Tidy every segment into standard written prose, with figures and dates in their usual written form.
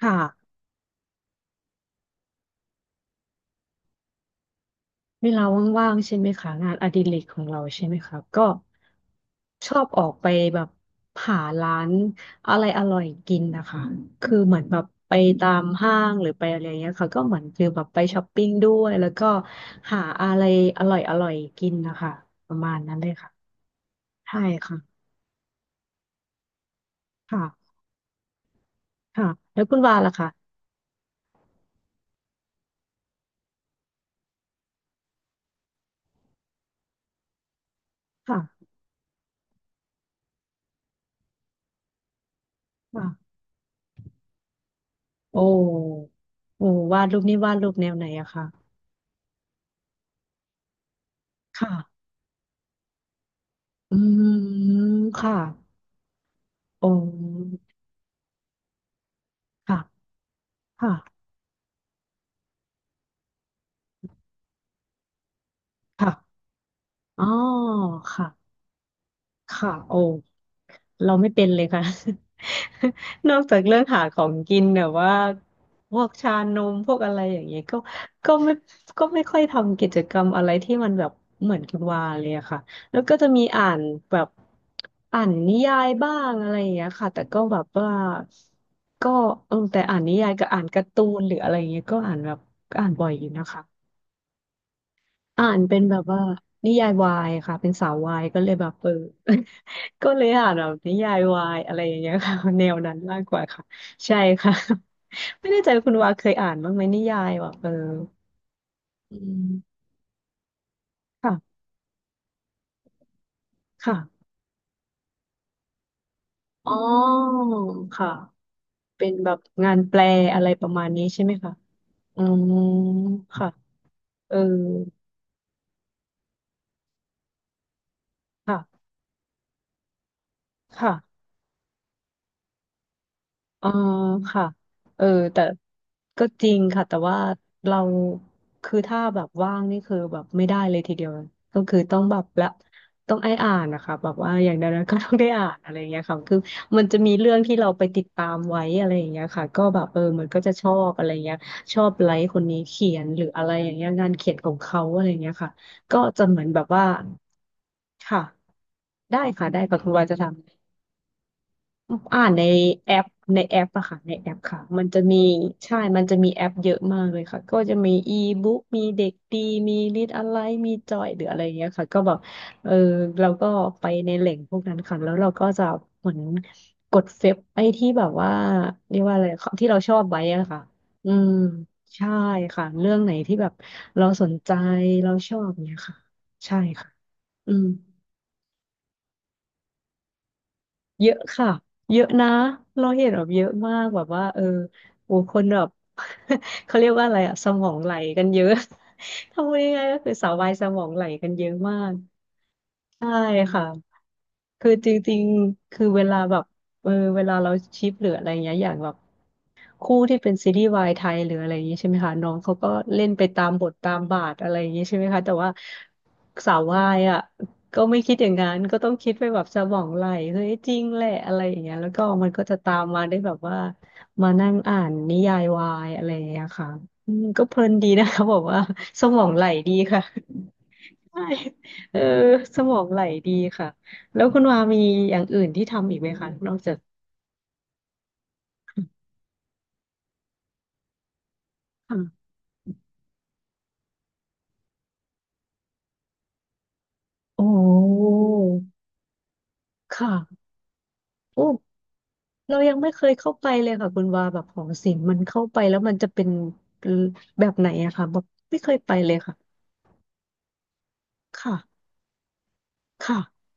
ค่ะเวลาว่างๆใช่ไหมคะงานอดิเรกของเราใช่ไหมคะก็ชอบออกไปแบบหาร้านอะไรอร่อยกินนะคะคือเหมือนแบบไปตามห้างหรือไปอะไรอย่างเงี้ยค่ะก็เหมือนคือแบบไปช้อปปิ้งด้วยแล้วก็หาอะไรอร่อยอร่อยกินนะคะประมาณนั้นเลยค่ะใช่ค่ะค่ะค่ะแล้วคุณวาล่ะคะค่ะค่ะโอ้โอ้วาดรูปนี่วาดรูปแนวไหนอะคะค่ะอืมค่ะโอ้ ค่ะค่ะค่ะอ๋อค่ะค่ะโอ้เราไม่เป็นเลยค่ะ นอกจากเรื่องหาของกินแบบว่าพวกชานมพวกอะไรอย่างเงี้ยก็ก็ไม่ก็ไม่ค่อยทำกิจกรรมอะไรที่มันแบบเหมือนคุณวาเลยอะค่ะแล้วก็จะมีอ่านแบบอ่านนิยายบ้างอะไรอย่างเงี้ยค่ะแต่ก็แบบว่าก็เออแต่อ่านนิยายกับอ่านการ์ตูนหรืออะไรอย่างเงี้ยก็อ่านแบบก็อ่านบ่อยอยู่นะคะ อ่านเป็นแบบว่านิยายวายค่ะเป็นสาววายก็เลยแบบเออ ก็เลยอ่านแบบนิยายวายอะไรอย่างเงี้ยค่ะ แนวนั้นมากกว่าค่ะใช่ค่ะ ไม่แน่ใจว่าคุณวาเคยอ่านบ้างไหมนิยายแบบเอออืมค่ะค่ะอ๋อค่ะเป็นแบบงานแปลอะไรประมาณนี้ใช่ไหมคะอืมค่ะเออค่ะค่ะ อ๋อค่ะเออแต่ก็จริงค่ะแต่ว่าเราคือถ้าแบบว่างนี่คือแบบไม่ได้เลยทีเดียวก็คือต้องแบบละต้องไอ้อ่านนะคะแบบว่าอย่างนั้นก็ต้องได้อ่านอะไรอย่างเงี้ยค่ะคือมันจะมีเรื่องที่เราไปติดตามไว้อะไรอย่างเงี้ยค่ะก็แบบเออมันก็จะชอบอะไรอย่างเงี้ยชอบไลค์คนนี้เขียนหรืออะไรอย่างเงี้ยงานเขียนของเขาอะไรอย่างเงี้ยค่ะก็จะเหมือนแบบว่าค่ะได้ค่ะได้ค่ะคุณวาจะทำ อ่านในแอปในแอปอะค่ะในแอปค่ะมันจะมีใช่มันจะมีแอปเยอะมากเลยค่ะก็จะมีอีบุ๊กมีเด็กดีมีลิดอะไรมีจอยหรืออะไรเงี้ยค่ะก็แบบเออเราก็ไปในแหล่งพวกนั้นค่ะแล้วเราก็จะเหมือนกดเฟซไอ้ที่แบบว่าเรียกว่าอะไรที่เราชอบไว้อะค่ะอืมใช่ค่ะเรื่องไหนที่แบบเราสนใจเราชอบเนี้ยค่ะใช่ค่ะอืม เยอะค่ะเยอะนะเราเห็นแบบเยอะมากแบบว่าเออโอ้คนแบบ เขาเรียกว่าอะไรอะสมองไหลกันเยอะ ทำยังไงก็คือสาววายสมองไหลกันเยอะมากใช่ค่ะคือจริงๆคือเวลาแบบเออเวลาเราชิปหรืออะไรเงี้ยอย่างแบบ คู่ที่เป็นซีรีส์วายไทยหรืออะไรอย่างนี้ใช่ไหมคะน้องเขาก็เล่นไปตามบทตามบาทอะไรอย่างนี้ใช่ไหมคะแต่ว่าสาววายอ่ะก็ไม่คิดอย่างนั้นก็ต้องคิดไปแบบสมองไหลเฮ้ยจริงแหละอะไรอย่างเงี้ยแล้วก็มันก็จะตามมาได้แบบว่ามานั่งอ่านนิยายวายอะไรอย่างเงี้ยค่ะอืมก็เพลินดีนะคะบอกว่าสมองไหลดีค่ะใช่เออสมองไหลดีค่ะแล้วคุณวามีอย่างอื่นที่ทำอีกไหมคะนอกจาก ค่ะโอ้ค่ะ โอ้เรายังไม่เคยเข้าไปเลยค่ะคุณวาแบบหอศิลป์มันเข้าไปแล้วมันจะเป็นแบบไหนอะค่ะแบบไม่เคยไปเลยค่ะค่ะค่ะ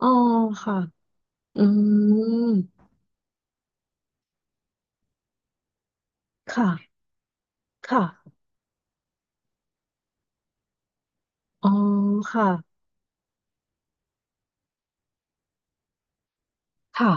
อ๋อค่ะอืมค่ะค่ะอ๋อค่ะค่ะ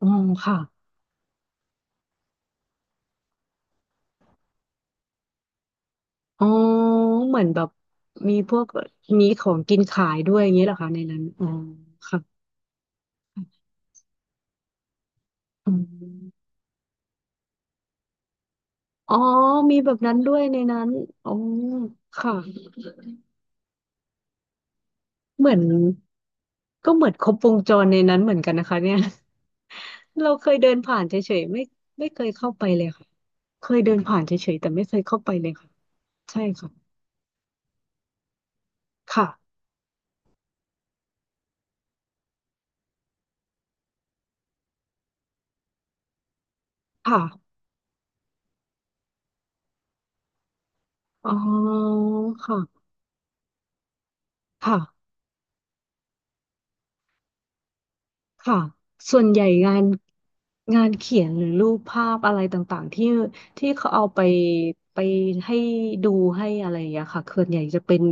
อ๋อค่ะอ๋อเหมือนแบบมีพวกมีของกินขายด้วยอย่างนี้เหรอคะในนั้นอ๋อค่ะอืมอ๋อมีแบบนั้นด้วยในนั้นอ๋อค่ะเหมือน ก็เหมือนครบวงจรในนั้นเหมือนกันนะคะเนี่ย เราเคยเดินผ่านเฉยๆไม่เคยเข้าไปเลยค่ะเคยเดินผ่านเฉยๆแต่ไม่เคยเข้าไปเลยค่ะใช่ค่ะค่ะค่ะอ๋อค่ะค่ะค่ะส่วนใหญ่งานงานเขียนหรือรูปภาพอะไรต่างๆที่ที่เขาเอาไปให้ดูให้อะไรอย่างเงี้ยค่ะส่วนใหญ่จะเป็น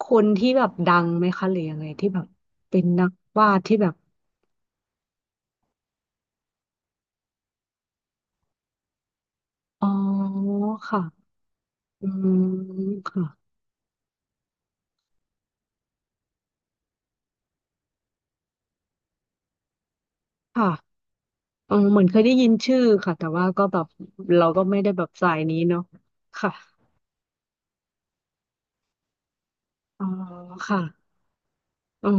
คนที่แบบดังไหมคะหรือยังไงที่แบบเป็นนักวาดที่แบบอ๋อค่ะ อืมค่ะค่ะเออเหมือนเคยได้ยินชื่อค่ะ แต่ว่าก็แบบเราก็ไม่ได้แบบสายนี้เนาะค่ะอ๋อค่ะอ๋อ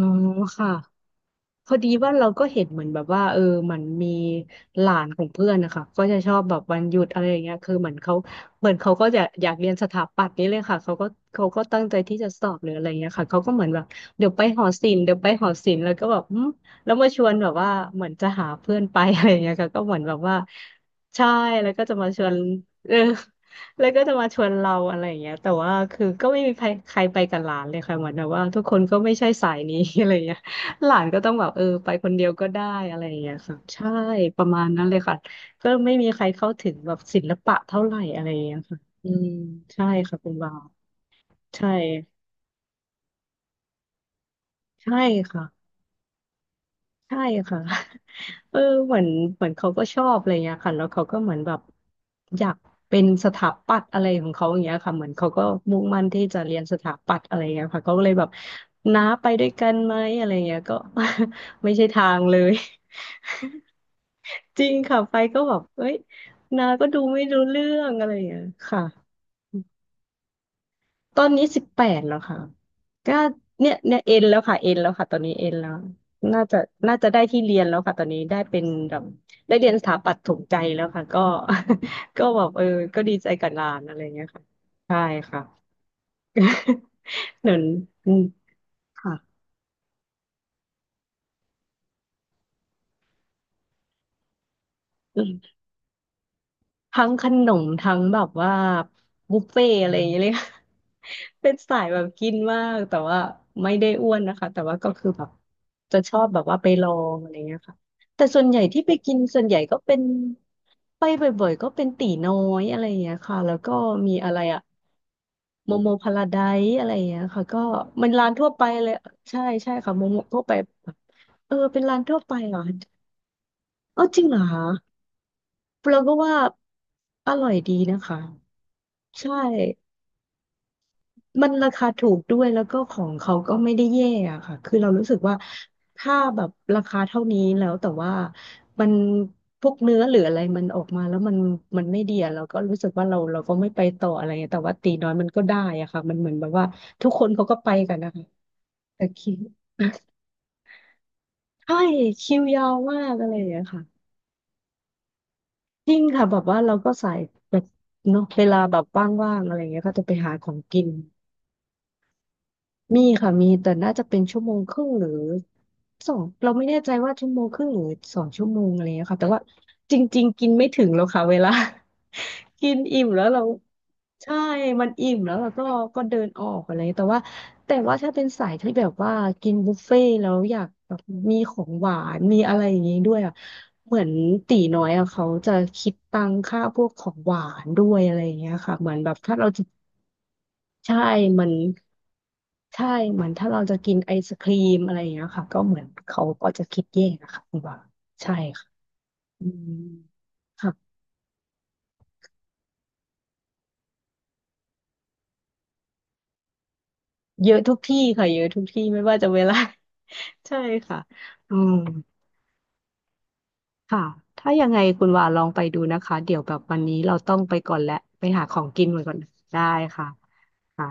ค่ะ พอดีว่าเราก็เห็นเหมือนแบบว่ามันมีหลานของเพื่อนนะคะก็จะชอบแบบวันหยุดอะไรอย่างเงี้ยคือเหมือนเขาก็จะอยากเรียนสถาปัตย์นี่เลยค่ะเขาก็ตั้งใจที่จะสอบหรืออะไรเงี้ยค่ะเขาก็เหมือนแบบเดี๋ยวไปหอศิลป์เดี๋ยวไปหอศิลป์แล้วก็แบบแล้วมาชวนแบบว่าเหมือนจะหาเพื่อนไป อะไรเงี้ยค่ะก็เหมือนแบบว่าใช่แล้วก็จะมาชวนเออ แล้วก็จะมาชวนเราอะไรอย่างเงี้ยแต่ว่าคือก็ไม่มีใครใครไปกับหลานเลยค่ะเหมือนแบบว่าทุกคนก็ไม่ใช่สายนี้ อะไรเงี้ย หลานก็ต้องแบบไปคนเดียวก็ได้อะไรอย่างเงี้ยค่ะใช่ประมาณนั้นเลยค่ะก็ไม่มีใครเข้าถึงแบบศิลปะเท่าไหร่อะไรอย่างเงี้ยค่ะอืมใช่ค่ะคุณบาวใช่ใช่ค่ะใช่ค่ะ เออเหมือนเขาก็ชอบอะไรเงี้ยค่ะแล้วเขาก็เหมือนแบบอยากเป็นสถาปัตย์อะไรของเขาอย่างเงี้ยค่ะเหมือนเขาก็มุ่งมั่นที่จะเรียนสถาปัตย์อะไรเงี้ยค่ะเขาก็เลยแบบน้าไปด้วยกันไหมอะไรเงี้ยก็ ไม่ใช่ทางเลย จริงค่ะไปก็แบบเอ้ยนาก็ดูไม่รู้เรื่องอะไรอย่างเงี้ยค่ะตอนนี้18แล้วค่ะก็เนี่ยเอ็นแล้วค่ะตอนนี้เอ็นแล้วน่าจะน่าจะได้ที่เรียนแล้วค่ะตอนนี้ได้เป็นแบบได้เรียนสถาปัตย์ถูกใจแล้วค่ะก็ ก็แบบก็ดีใจกับหลานอะไรเงี้ยค่ะใช่ค่ะ เหมือนอืมค่ะ ทั้งขนมทั้งแบบว่าบุฟเฟ่อะไรอย่างเงี้ยเลย เป็นสายแบบกินมากแต่ว่าไม่ได้อ้วนนะคะแต่ว่าก็คือแบบจะชอบแบบว่าไปลองอะไรเงี้ยค่ะแต่ส่วนใหญ่ที่ไปกินส่วนใหญ่ก็เป็นไปบ่อยๆก็เป็นตีน้อยอะไรอย่างเงี้ยค่ะแล้วก็มีอะไรอะโมโมพาราไดซ์อะไรอย่างเงี้ยค่ะก็มันร้านทั่วไปเลยใช่ใช่ค่ะโมโมทั่วไปแบบเป็นร้านทั่วไปเหรอจริงเหรอคะเราก็ว่าอร่อยดีนะคะ ใช่ มันราคาถูกด้วยแล้วก็ของเขาก็ไม่ได้แย่อะค่ะคือเรารู้สึกว่าถ้าแบบราคาเท่านี้แล้วแต่ว่ามันพวกเนื้อหรืออะไรมันออกมาแล้วมันไม่ดีอะเราก็รู้สึกว่าเราก็ไม่ไปต่ออะไรเงี้ยแต่ว่าตีน้อยมันก็ได้อะค่ะมันเหมือนแบบว่าทุกคนเขาก็ไปกันนะคะแต่คิว ใช่คิวยาวมากอะไรอย่างเงี้ยค่ะจริงค่ะแบบว่าเราก็สายแบบเนาะเวลาแบบว่างๆอะไรอย่างเงี้ยก็จะไปหาของกิน มีค่ะมีแต่น่าจะเป็นชั่วโมงครึ่งหรือสองเราไม่แน่ใจว่าชั่วโมงครึ่งหรือสองชั่วโมงอะไรอย่างเงี้ยค่ะแต่ว่าจริงๆกินไม่ถึงแล้วค่ะเวลา กินอิ่มแล้วเราใช่มันอิ่มแล้วเราก็ก็เดินออกอะไรแต่ว่าถ้าเป็นสายที่แบบว่ากินบุฟเฟ่ต์แล้วอยากแบบมีของหวานมีอะไรอย่างงี้ด้วยอ่ะเหมือนตีน้อยอ่ะเขาจะคิดตังค่าพวกของหวานด้วยอะไรอย่างเงี้ยค่ะเหมือนแบบถ้าเรา ใช่เหมอนใช่เหมือนถ้าเราจะกินไอศครีมอะไรอย่างเงี้ยค่ะก็เหมือนเขาก็จะคิดแยกนะคะคุณว่าใช่ค่ะอืมค่ะเยอะทุกที่ค่ะเยอะทุกที่ไม่ว่าจะเวลา ใช่ค่ะอืมค่ะถ้ายังไงคุณว่าลองไปดูนะคะเดี๋ยวแบบวันนี้เราต้องไปก่อนแหละไปหาของกินก่อนได้ค่ะค่ะ